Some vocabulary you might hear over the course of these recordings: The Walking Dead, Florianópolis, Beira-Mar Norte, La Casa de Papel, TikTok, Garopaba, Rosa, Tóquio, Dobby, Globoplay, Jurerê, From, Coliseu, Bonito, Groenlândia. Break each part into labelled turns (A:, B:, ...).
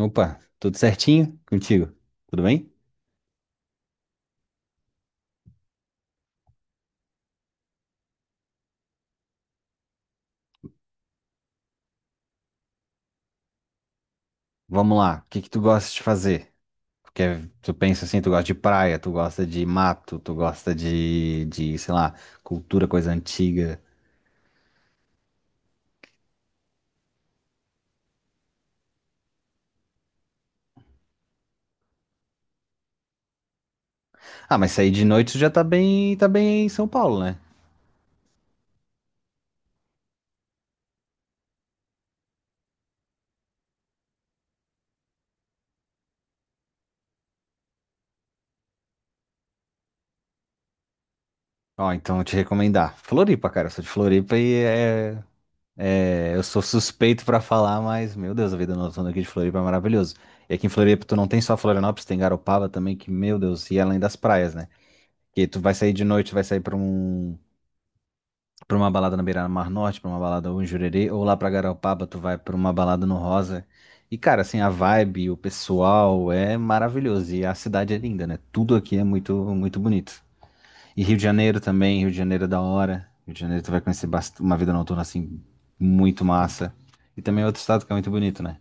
A: Opa, tudo certinho contigo? Tudo bem? Vamos lá, o que que tu gosta de fazer? Porque tu pensa assim, tu gosta de praia, tu gosta de mato, tu gosta de, sei lá, cultura, coisa antiga. Ah, mas sair de noite tu já tá bem em São Paulo, né? Ó, então eu te recomendar. Floripa, cara, eu sou de Floripa e, eu sou suspeito pra falar, mas, meu Deus, a vida noturna aqui de Floripa é maravilhoso. E aqui em Floripa tu não tem só Florianópolis, tem Garopaba também, que, meu Deus, e além das praias, né? Que tu vai sair de noite, vai sair pra uma balada na Beira-Mar Norte, pra uma balada ou em Jurerê, ou lá pra Garopaba, tu vai pra uma balada no Rosa. E, cara, assim, a vibe, o pessoal é maravilhoso. E a cidade é linda, né? Tudo aqui é muito, muito bonito. E Rio de Janeiro também, Rio de Janeiro é da hora. Rio de Janeiro tu vai conhecer uma vida noturna, assim, muito massa. E também é outro estado que é muito bonito, né?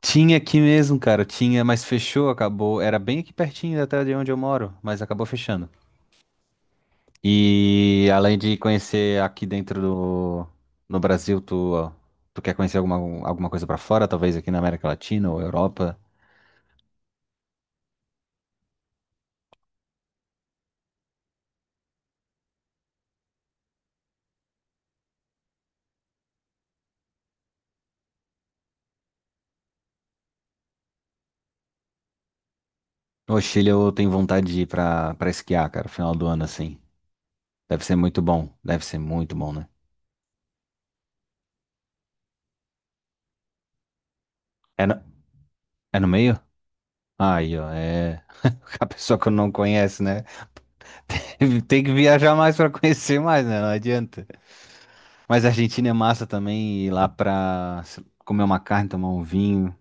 A: Tinha aqui mesmo, cara, tinha, mas fechou, acabou. Era bem aqui pertinho até de onde eu moro, mas acabou fechando. E além de conhecer aqui dentro do no Brasil, tu, tu quer conhecer alguma coisa pra fora? Talvez aqui na América Latina ou Europa? No Chile eu tenho vontade de ir pra esquiar, cara, final do ano assim. Deve ser muito bom. Deve ser muito bom, né? É no, é no meio? Aí, ó, é a pessoa que não conhece, né? Tem que viajar mais pra conhecer mais, né? Não adianta. Mas a Argentina é massa também, ir lá pra comer uma carne, tomar um vinho.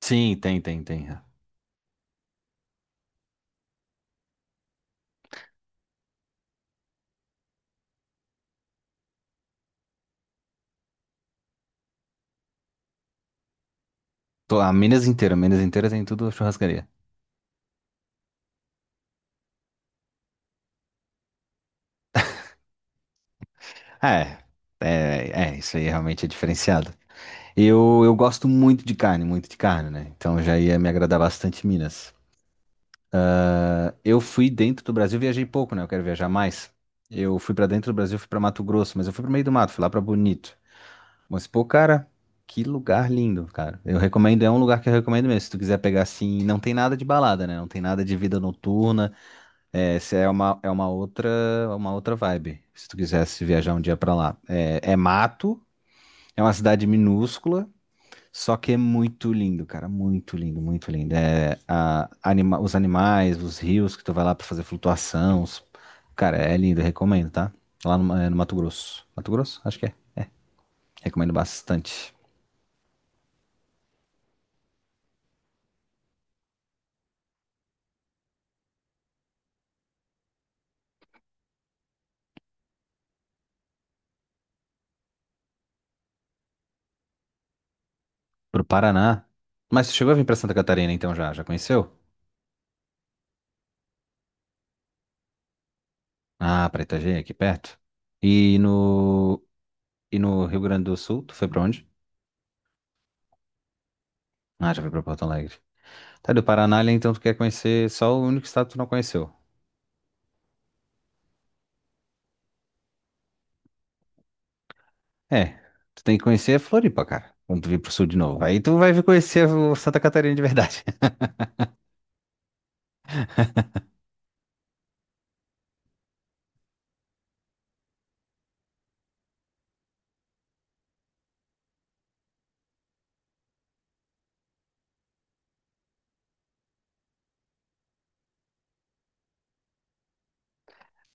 A: Sim, tem, tem, tem. É. A Minas inteira tem tudo churrascaria. É, é, isso aí realmente é diferenciado. Eu gosto muito de carne, né? Então já ia me agradar bastante Minas. Ah, eu fui dentro do Brasil, viajei pouco, né? Eu quero viajar mais. Eu fui pra dentro do Brasil, fui pra Mato Grosso, mas eu fui pro meio do mato, fui lá pra Bonito. Mas, pô, cara, que lugar lindo, cara. Eu recomendo, é um lugar que eu recomendo mesmo. Se tu quiser pegar assim, não tem nada de balada, né? Não tem nada de vida noturna. É, essa é uma outra vibe, se tu quisesse viajar um dia pra lá. É, é mato, é uma cidade minúscula, só que é muito lindo, cara, muito lindo, muito lindo. É, os animais, os rios que tu vai lá pra fazer flutuação, cara, é lindo, recomendo, tá? Lá no, é no Mato Grosso. Mato Grosso? Acho que é. Recomendo bastante. Pro Paraná. Mas tu chegou a vir pra Santa Catarina então já? Já conheceu? Ah, pra Itajaí, aqui perto. E no, e no Rio Grande do Sul, tu foi pra onde? Ah, já foi pra Porto Alegre. Tá, do Paraná, ali, então tu quer conhecer só o único estado que tu não conheceu. É, tu tem que conhecer a Floripa, cara. Quando tu vir pro sul de novo. Aí tu vai vir conhecer o Santa Catarina de verdade.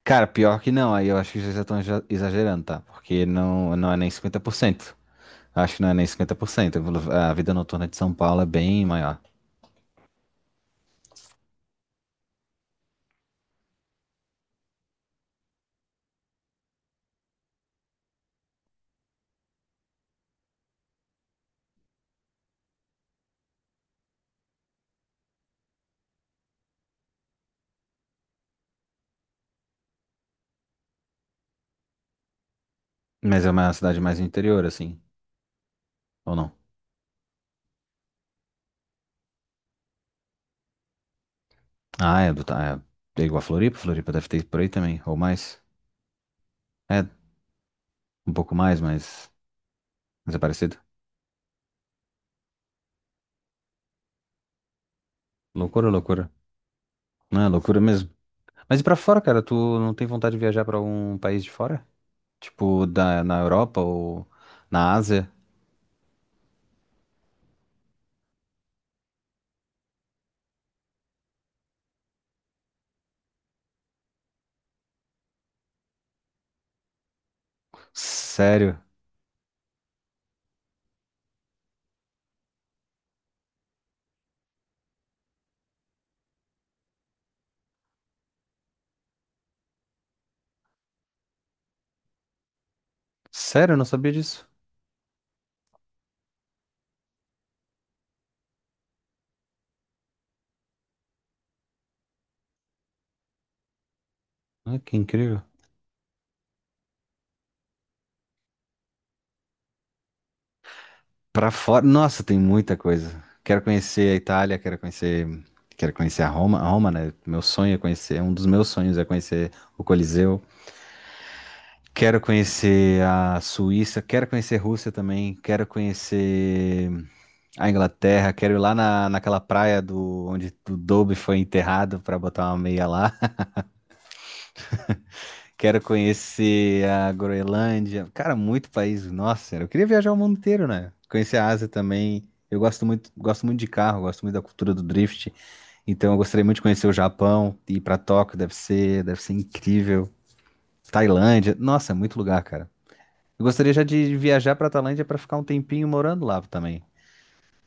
A: Cara, pior que não, aí eu acho que vocês já estão exagerando, tá? Porque não, não é nem 50%. Acho que não é nem 50%. A vida noturna de São Paulo é bem maior. Mas é uma cidade mais interior, assim. Ou não? Ah, é, do, tá, é, é igual a Floripa. Floripa deve ter por aí também. Ou mais. É, um pouco mais, mas é parecido. Loucura, loucura. Não, é loucura mesmo. Mas e pra fora, cara? Tu não tem vontade de viajar pra algum país de fora? Tipo, na Europa ou na Ásia? Sério? Sério, eu não sabia disso. Ah, que incrível. Pra fora, nossa, tem muita coisa. Quero conhecer a Itália, quero conhecer a Roma, né? Meu sonho é conhecer, um dos meus sonhos é conhecer o Coliseu. Quero conhecer a Suíça, quero conhecer a Rússia também, quero conhecer a Inglaterra, quero ir lá naquela praia do onde o Dobby foi enterrado para botar uma meia lá. Quero conhecer a Groenlândia. Cara, muito país. Nossa, eu queria viajar o mundo inteiro, né? Conhecer a Ásia também. Eu gosto muito de carro, gosto muito da cultura do drift. Então eu gostaria muito de conhecer o Japão, ir para Tóquio, deve ser incrível. Tailândia. Nossa, muito lugar, cara. Eu gostaria já de viajar para a Tailândia para ficar um tempinho morando lá também.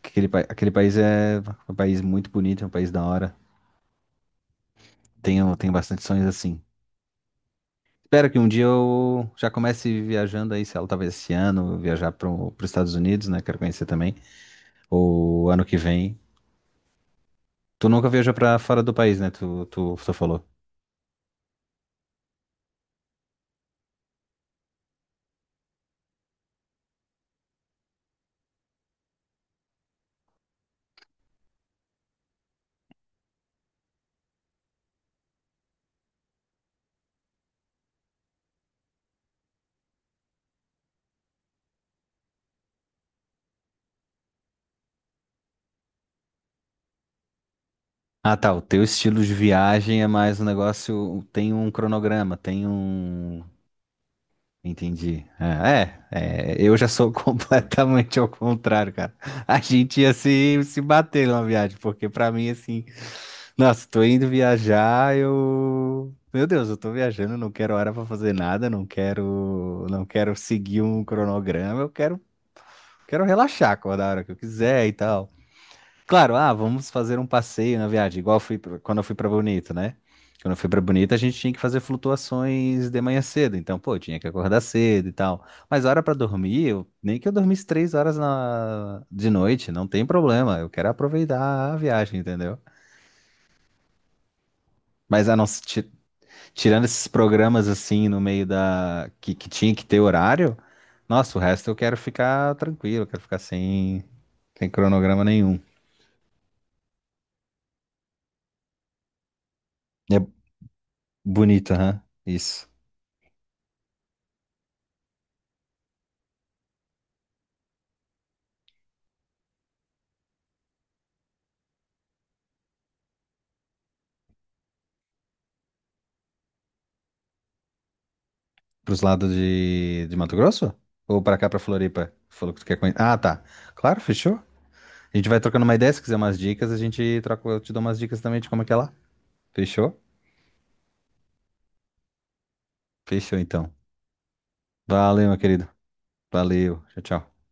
A: Aquele, aquele país é um país muito bonito, é um país da hora. Tenho, tenho bastante sonhos assim. Espero que um dia eu já comece viajando aí, sei lá, talvez esse ano, viajar para os Estados Unidos, né? Quero conhecer também. Ou ano que vem. Tu nunca viajou para fora do país, né? Tu falou. Ah, tá. O teu estilo de viagem é mais um negócio. Tem um cronograma, tem um Entendi. É, eu já sou completamente ao contrário, cara. A gente ia se bater numa viagem, porque pra mim, assim, nossa, tô indo viajar, eu. Meu Deus, eu tô viajando, não quero hora pra fazer nada, não quero, não quero seguir um cronograma, eu quero, quero relaxar, acordar a hora que eu quiser e tal. Claro, ah, vamos fazer um passeio na viagem, igual eu quando eu fui pra Bonito, né? Quando eu fui pra Bonito, a gente tinha que fazer flutuações de manhã cedo, então, pô, eu tinha que acordar cedo e tal. Mas hora pra dormir, nem que eu dormisse 3 horas de noite, não tem problema, eu quero aproveitar a viagem, entendeu? Mas a não, ser- ti- tirando esses programas assim no meio da que tinha que ter horário, nossa, o resto eu quero ficar tranquilo, eu quero ficar sem, sem cronograma nenhum. É bonito, aham. Isso. Pros lados de Mato Grosso? Ou pra cá, pra Floripa? Falou que tu quer conhecer. Ah, tá. Claro, fechou. A gente vai trocando uma ideia. Se quiser umas dicas, a gente troca. Eu te dou umas dicas também de como é que é lá. Fechou? Fechou, então. Valeu, meu querido. Valeu. Tchau, tchau.